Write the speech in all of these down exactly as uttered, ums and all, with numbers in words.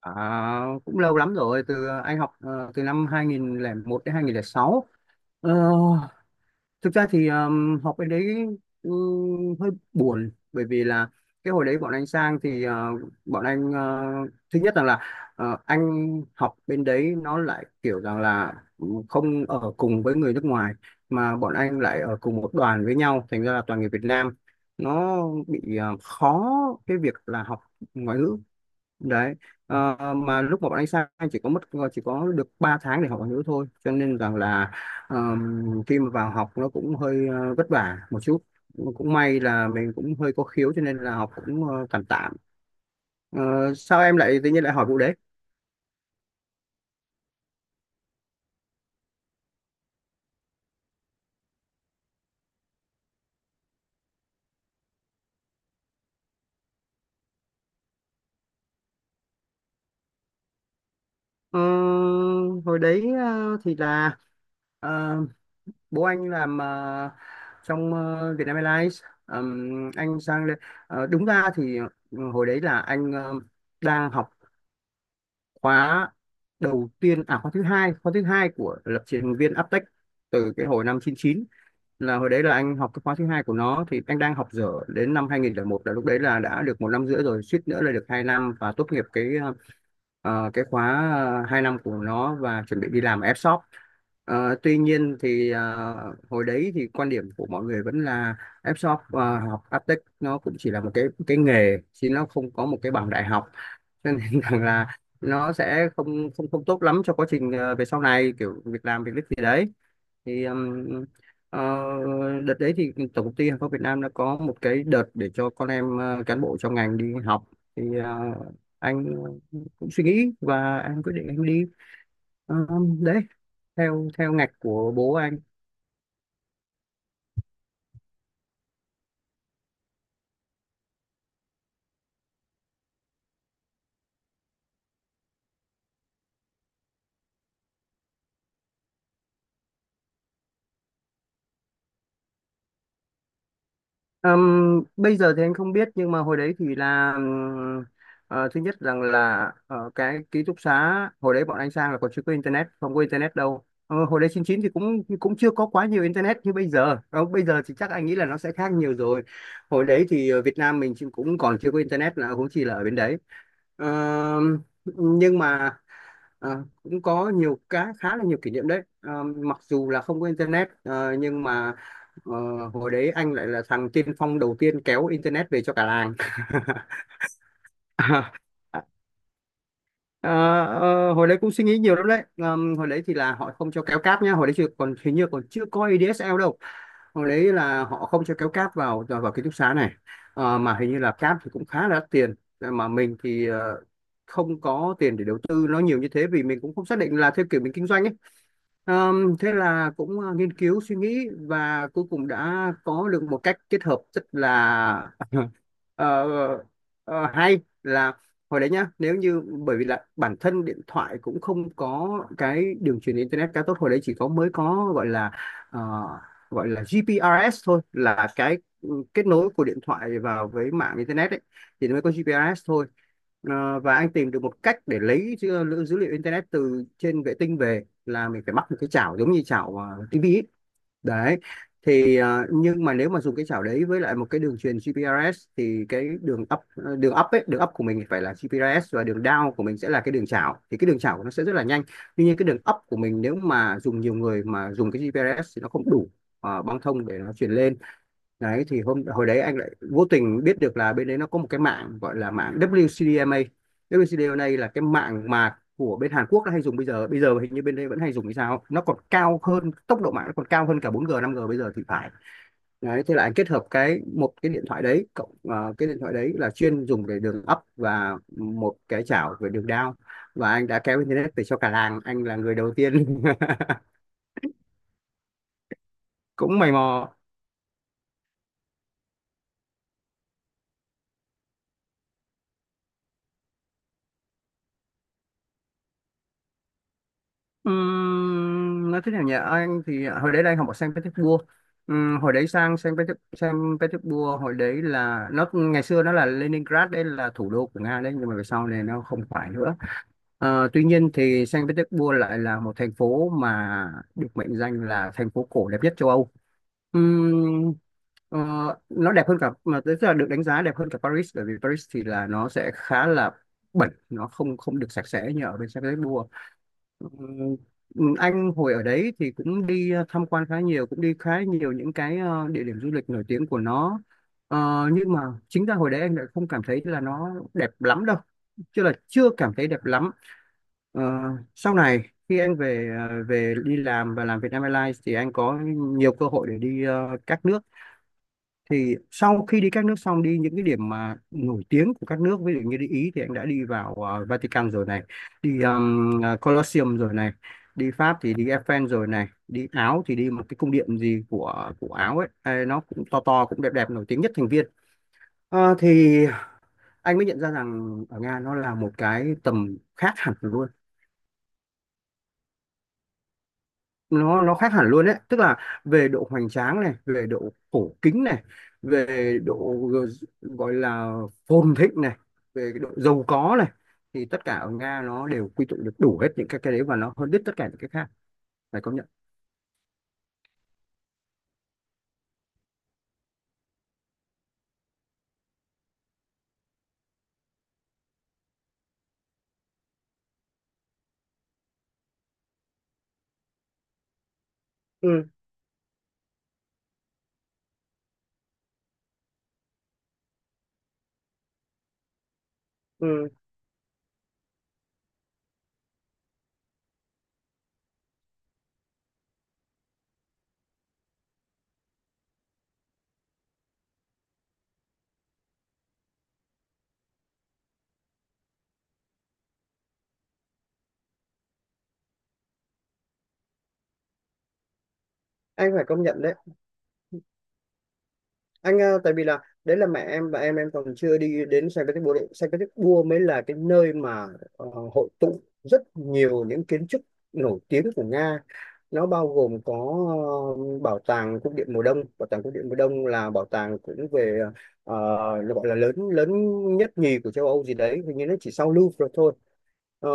À, cũng lâu lắm rồi từ ờ, anh học ờ, từ năm hai nghìn lẻ một đến hai nghìn lẻ sáu. Ờ, Thực ra thì ờm, học bên đấy ừm, hơi buồn, bởi vì là cái hồi đấy bọn anh sang thì ờ, bọn anh ờ, thứ nhất rằng là ờ, anh học bên đấy nó lại kiểu rằng là không ở cùng với người nước ngoài, mà bọn anh lại ở cùng một đoàn với nhau, thành ra là toàn người Việt Nam. Nó bị ờ, khó cái việc là học ngoại ngữ đấy. Ờ, mà lúc mà bọn anh sang, anh chỉ có mất chỉ có được ba tháng để học ngoại ngữ thôi, cho nên rằng là ờm, khi mà vào học nó cũng hơi ờ, vất vả một chút. Cũng may là mình cũng hơi có khiếu cho nên là học cũng ờ, tạm tạm. Ờ, Sao em lại tự nhiên lại hỏi vụ đấy? Ờ, Hồi đấy ờ, thì là ờ, bố anh làm ờ, trong ờ, Vietnam Airlines. Ờm, anh sang đây ờ, đúng ra thì ờ, hồi đấy là anh ờ, đang học khóa đầu tiên, à khóa thứ hai, khóa thứ hai của lập trình viên Aptech, từ cái hồi năm chín chín. Là hồi đấy là anh học cái khóa thứ hai của nó, thì anh đang học dở, đến năm hai nghìn lẻ một là lúc đấy là đã được một năm rưỡi rồi, suýt nữa là được hai năm và tốt nghiệp cái ờ, cái khóa ờ, hai năm của nó, và chuẩn bị đi làm ở F-shop. Ờ, tuy nhiên thì ờ, hồi đấy thì quan điểm của mọi người vẫn là F-shop, ờ, học Aptech nó cũng chỉ là một cái cái nghề chứ nó không có một cái bằng đại học, cho nên rằng là nó sẽ không không không tốt lắm cho quá trình ờ, về sau này kiểu việc làm việc gì đấy. Thì ừm, ờ, đợt đấy thì tổng công ty hàng không Việt Nam đã có một cái đợt để cho con em ờ, cán bộ trong ngành đi học. Thì ờ, anh cũng suy nghĩ và anh quyết định anh đi. Ờ, Đấy, theo theo ngạch của bố anh. Ừm, bây giờ thì anh không biết, nhưng mà hồi đấy thì là ừm, ờ, thứ nhất rằng là ờ, cái ký túc xá hồi đấy bọn anh sang là còn chưa có internet, không có internet đâu. Ờ, hồi đấy chín chín thì cũng cũng chưa có quá nhiều internet như bây giờ. Ờ, Bây giờ thì chắc anh nghĩ là nó sẽ khác nhiều rồi. Hồi đấy thì ờ, Việt Nam mình chỉ- cũng còn chưa có internet, là cũng chỉ là ở bên đấy. Ờ, nhưng mà ờ, cũng có nhiều cá khá là nhiều kỷ niệm đấy. Ờ, Mặc dù là không có internet, ờ, nhưng mà ờ, hồi đấy anh lại là thằng tiên phong đầu tiên kéo internet về cho cả làng. Ờ, ờ, Hồi đấy cũng suy nghĩ nhiều lắm đấy. Ờm, hồi đấy thì là họ không cho kéo cáp nhá, hồi đấy chưa còn, hình như còn chưa có a d s l đâu. Hồi đấy là họ không cho kéo cáp vào vào vào ký túc xá này. Ờ, mà hình như là cáp thì cũng khá là đắt tiền. Ờ, mà mình thì ờ, không có tiền để đầu tư nó nhiều như thế, vì mình cũng không xác định là theo kiểu mình kinh doanh ấy. Ờm, thế là cũng ờ, nghiên cứu suy nghĩ và cuối cùng đã có được một cách kết hợp rất là ờ, ờ, hay. Là hồi đấy nhá, nếu như, bởi vì là bản thân điện thoại cũng không có cái đường truyền internet khá tốt, hồi đấy chỉ có mới có gọi là ờ, gọi là giê pê e ét thôi, là cái ừ, kết nối của điện thoại vào với mạng internet ấy, thì nó mới có giê pê e ét thôi. Ờ, và anh tìm được một cách để lấy dữ, liệu- dữ liệu internet từ trên vệ tinh về, là mình phải mắc một cái chảo giống như chảo uh, tivi ấy. Đấy, thì ờ, nhưng mà nếu mà dùng cái chảo đấy với lại một cái đường truyền giê pê e ét thì cái đường up, ờ, đường up ấy, đường up của mình phải là giê pê e ét và đường down của mình sẽ là cái đường chảo, thì cái đường chảo của nó sẽ rất là nhanh. Tuy nhiên cái đường up của mình nếu mà dùng nhiều người mà dùng cái giê pê e ét thì nó không đủ ờ, băng thông để nó truyền lên. Đấy, thì hôm hồi đấy anh lại vô tình biết được là bên đấy nó có một cái mạng gọi là mạng vê kép xê đê em a. vê kép xê đê em a là cái mạng mà của bên Hàn Quốc nó hay dùng. Bây giờ bây giờ hình như bên đây vẫn hay dùng hay sao, nó còn cao hơn, tốc độ mạng nó còn cao hơn cả bốn giê năm giê bây giờ thì phải. Đấy thế là anh kết hợp cái một cái điện thoại đấy cộng ờ, cái điện thoại đấy là chuyên dùng để đường up và một cái chảo về đường down, và anh đã kéo internet về cho cả làng, anh là người đầu tiên. Cũng mày mò. Ừm, nói thế nào nhỉ, anh thì hồi đấy là anh học ở Saint Petersburg. Ừm, hồi đấy sang Saint Peter- Saint Petersburg, hồi đấy là nó, ngày xưa nó là Leningrad, đây là thủ đô của Nga đấy, nhưng mà về sau này nó không phải nữa. Ờ, tuy nhiên thì Saint Petersburg lại là một thành phố mà được mệnh danh là thành phố cổ đẹp nhất châu Âu. Ừm, ờ, nó đẹp hơn cả, mà tức là được đánh giá đẹp hơn cả Paris, bởi vì Paris thì là nó sẽ khá là bẩn, nó không không được sạch sẽ như ở bên Saint Petersburg. Ừm, anh hồi ở đấy thì cũng đi ờ, tham quan khá nhiều, cũng đi khá nhiều những cái ờ, địa điểm du lịch nổi tiếng của nó. Ờ, nhưng mà chính ra hồi đấy anh lại không cảm thấy là nó đẹp lắm đâu, chứ là chưa cảm thấy đẹp lắm. Ờ, Sau này khi anh về, ờ, về đi làm và làm Vietnam Airlines thì anh có nhiều cơ hội để đi ờ, các nước. Thì sau khi đi các nước xong, đi những cái điểm mà nổi tiếng của các nước, ví dụ như đi Ý thì anh đã đi vào ờ, Vatican rồi này, đi um, ờ, Colosseum rồi này, đi Pháp thì đi Eiffel rồi này, đi Áo thì đi một cái cung điện gì của của Áo ấy. Ê, nó cũng to to cũng đẹp đẹp, nổi tiếng nhất thành viên. Ờ, thì anh mới nhận ra rằng ở Nga nó là một cái tầm khác hẳn luôn, nó nó khác hẳn luôn đấy, tức là về độ hoành tráng này, về độ cổ kính này, về độ gọi là phồn thịnh này, về cái độ giàu có này, thì tất cả ở Nga nó đều quy tụ được đủ hết những cái cái đấy, và nó hơn đứt tất cả những cái khác, phải công nhận. Ừ, ừ, anh phải công nhận đấy. Anh ờ, tại vì là đấy là mẹ em và em em còn chưa đi đến Saint Petersburg. Saint Petersburg mới là cái nơi mà ờ, hội tụ rất nhiều những kiến trúc nổi tiếng của Nga. Nó bao gồm có ờ, bảo tàng cung điện mùa đông. Bảo tàng cung điện mùa đông là bảo tàng cũng về ờ, nó gọi là lớn lớn nhất nhì của châu Âu gì đấy, hình như nó chỉ sau Louvre thôi. Ờ,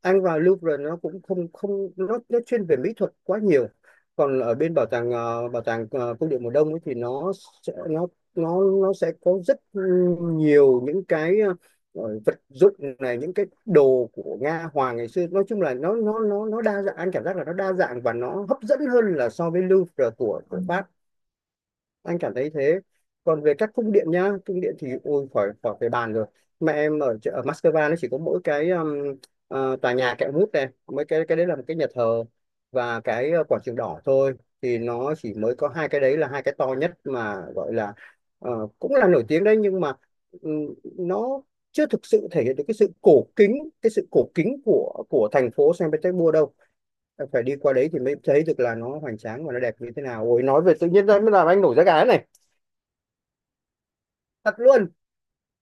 anh vào Louvre nó cũng không không, nó nó chuyên về mỹ thuật quá nhiều. Còn ở bên bảo tàng, ờ, bảo tàng ờ, cung điện mùa đông ấy thì nó sẽ nó nó nó sẽ có rất nhiều những cái ờ, vật dụng này, những cái đồ của Nga hoàng ngày xưa. Nói chung là nó nó nó nó đa dạng, anh cảm giác là nó đa dạng và nó hấp dẫn hơn là so với Louvre của của Pháp, anh cảm thấy thế. Còn về các cung điện nhá, cung điện thì ôi khỏi khỏi phải bàn rồi. Mẹ em ở, chợ- ở Moscow nó chỉ có mỗi cái um, ờ, tòa nhà kẹo mút này, mấy cái cái đấy là một cái nhà thờ, và cái ờ, quảng trường đỏ thôi. Thì nó chỉ mới có hai cái đấy, là hai cái to nhất, mà gọi là ờ, cũng là nổi tiếng đấy, nhưng mà ừm, nó chưa thực sự thể hiện được cái sự cổ kính, cái sự cổ kính của của thành phố Saint Petersburg đâu. Em phải đi qua đấy thì mới thấy được là nó hoành tráng và nó đẹp như thế nào. Ôi, nói về tự nhiên ra mới làm anh nổi da gà này, thật luôn.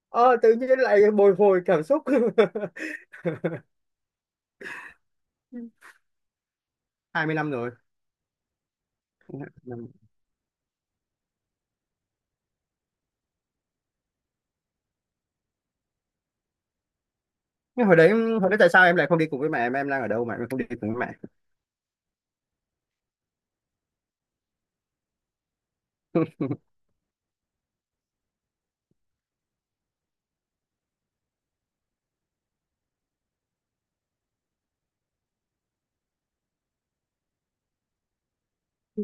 ờ Tự nhiên lại bồi hồi cảm xúc. Hai mươi năm rồi. Nhưng hồi đấy, hồi đấy tại sao em lại không đi cùng với mẹ? em em đang ở đâu mà em không đi cùng với mẹ?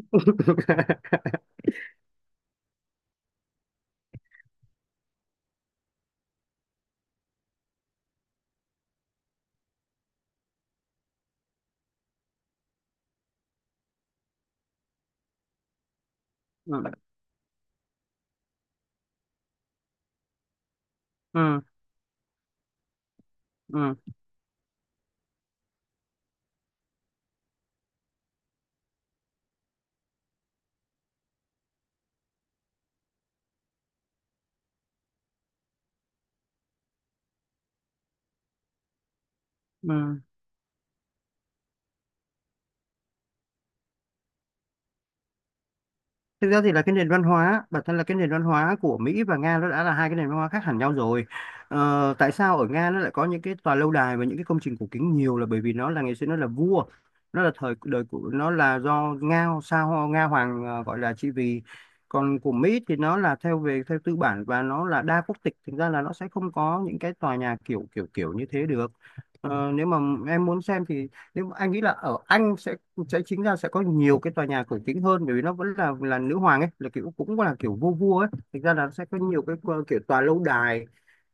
Ừ. Ừ. Ừ. Ừ. Thực ra thì là cái nền văn hóa, bản thân là cái nền văn hóa của Mỹ và Nga nó đã là hai cái nền văn hóa khác hẳn nhau rồi. Ờ, tại sao ở Nga nó lại có những cái tòa lâu đài và những cái công trình cổ kính nhiều là bởi vì nó là ngày xưa nó là vua, nó là thời đời của nó là do Nga sao Nga hoàng ờ, gọi là trị vì. Còn của Mỹ thì nó là theo về theo tư bản và nó là đa quốc tịch, thực ra là nó sẽ không có những cái tòa nhà kiểu kiểu kiểu như thế được. Ờ, nếu mà em muốn xem thì, nếu mà anh nghĩ là ở Anh sẽ sẽ chính ra sẽ có nhiều cái tòa nhà cổ kính hơn bởi vì nó vẫn là là nữ hoàng ấy, là kiểu cũng là kiểu vua vua ấy, thực ra là sẽ có nhiều cái ờ, kiểu tòa lâu đài,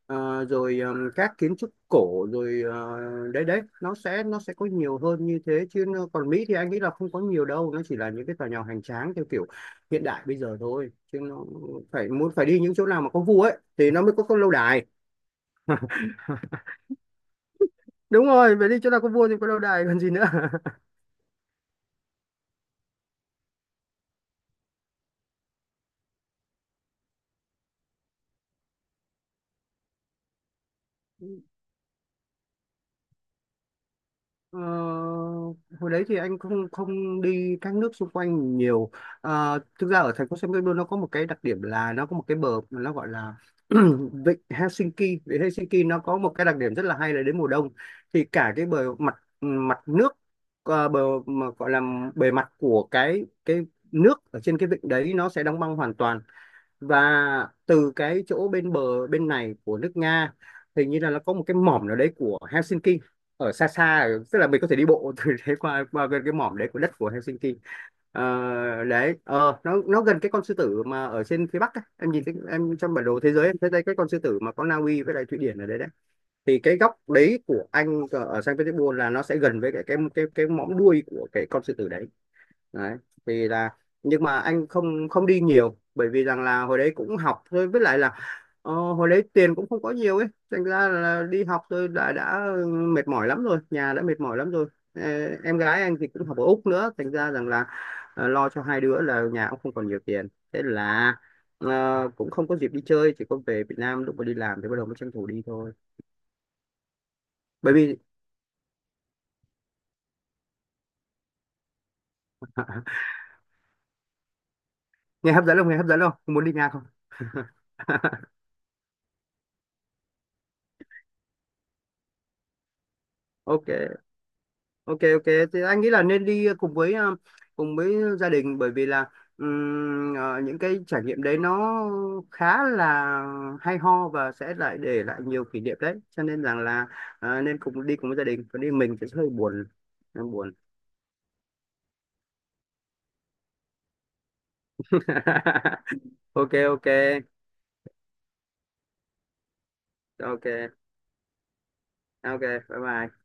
ờ, rồi ờm, các kiến trúc cổ rồi ờ, đấy đấy, nó sẽ nó sẽ có nhiều hơn như thế chứ nó- còn Mỹ thì anh nghĩ là không có nhiều đâu, nó chỉ là những cái tòa nhà hoành tráng theo kiểu hiện đại bây giờ thôi, chứ nó phải muốn phải đi những chỗ nào mà có vua ấy thì nó mới có, có lâu đài. Đúng rồi, phải đi chỗ nào có vua thì có lâu đài còn gì nữa. Ờ, hồi đấy thì anh không không đi các nước xung quanh nhiều. Ờ, thực ra ở thành phố San Pedro nó có một cái đặc điểm là nó có một cái bờ mà nó gọi là vịnh Helsinki. Vịnh Helsinki nó có một cái đặc điểm rất là hay là đến mùa đông thì cả cái bờ mặt, mặt nước, ờ, bờ mà gọi là bề mặt của cái cái nước ở trên cái vịnh đấy nó sẽ đóng băng hoàn toàn, và từ cái chỗ bên bờ bên này của nước Nga, hình như là nó có một cái mỏm nào đấy của Helsinki ở xa xa ở- tức là mình có thể đi bộ từ đấy qua qua gần cái mỏm đấy của đất của Helsinki. Ờ, đấy, ờ, nó nó gần cái con sư tử mà ở trên phía Bắc ấy. Em nhìn thấy em trong bản đồ thế giới, em thấy đây cái con sư tử mà có Na Uy với lại Thụy Điển ở đấy đấy, thì cái góc đấy của anh ở ở Saint Petersburg là nó sẽ gần với cái cái cái cái mõm đuôi của cái con sư tử đấy. Đấy, thì là, nhưng mà anh không không đi nhiều bởi vì rằng là hồi đấy cũng học thôi, với lại là ờ, hồi đấy tiền cũng không có nhiều ấy, thành ra là đi học thôi đã đã mệt mỏi lắm rồi, nhà đã mệt mỏi lắm rồi. Ờ, em gái anh thì cũng học ở Úc nữa thành ra rằng là ờ, lo cho hai đứa là nhà cũng không còn nhiều tiền, thế là ờ, cũng không có dịp đi chơi, chỉ có về Việt Nam lúc mà đi làm thì bắt đầu mới tranh thủ đi thôi, bởi vì nghe hấp dẫn không, nghe hấp dẫn không, muốn đi Nga không? Ok. Ok, ok. Thì anh nghĩ là nên đi cùng với ờ, cùng với gia đình, bởi vì là ừm, ờ, những cái trải nghiệm đấy nó khá là hay ho và sẽ lại để lại nhiều kỷ niệm đấy, cho nên rằng là ờ, nên cùng đi cùng với gia đình, còn đi mình thì sẽ hơi buồn, hơi buồn. Ok. Ok, ok. Ok, bye bye.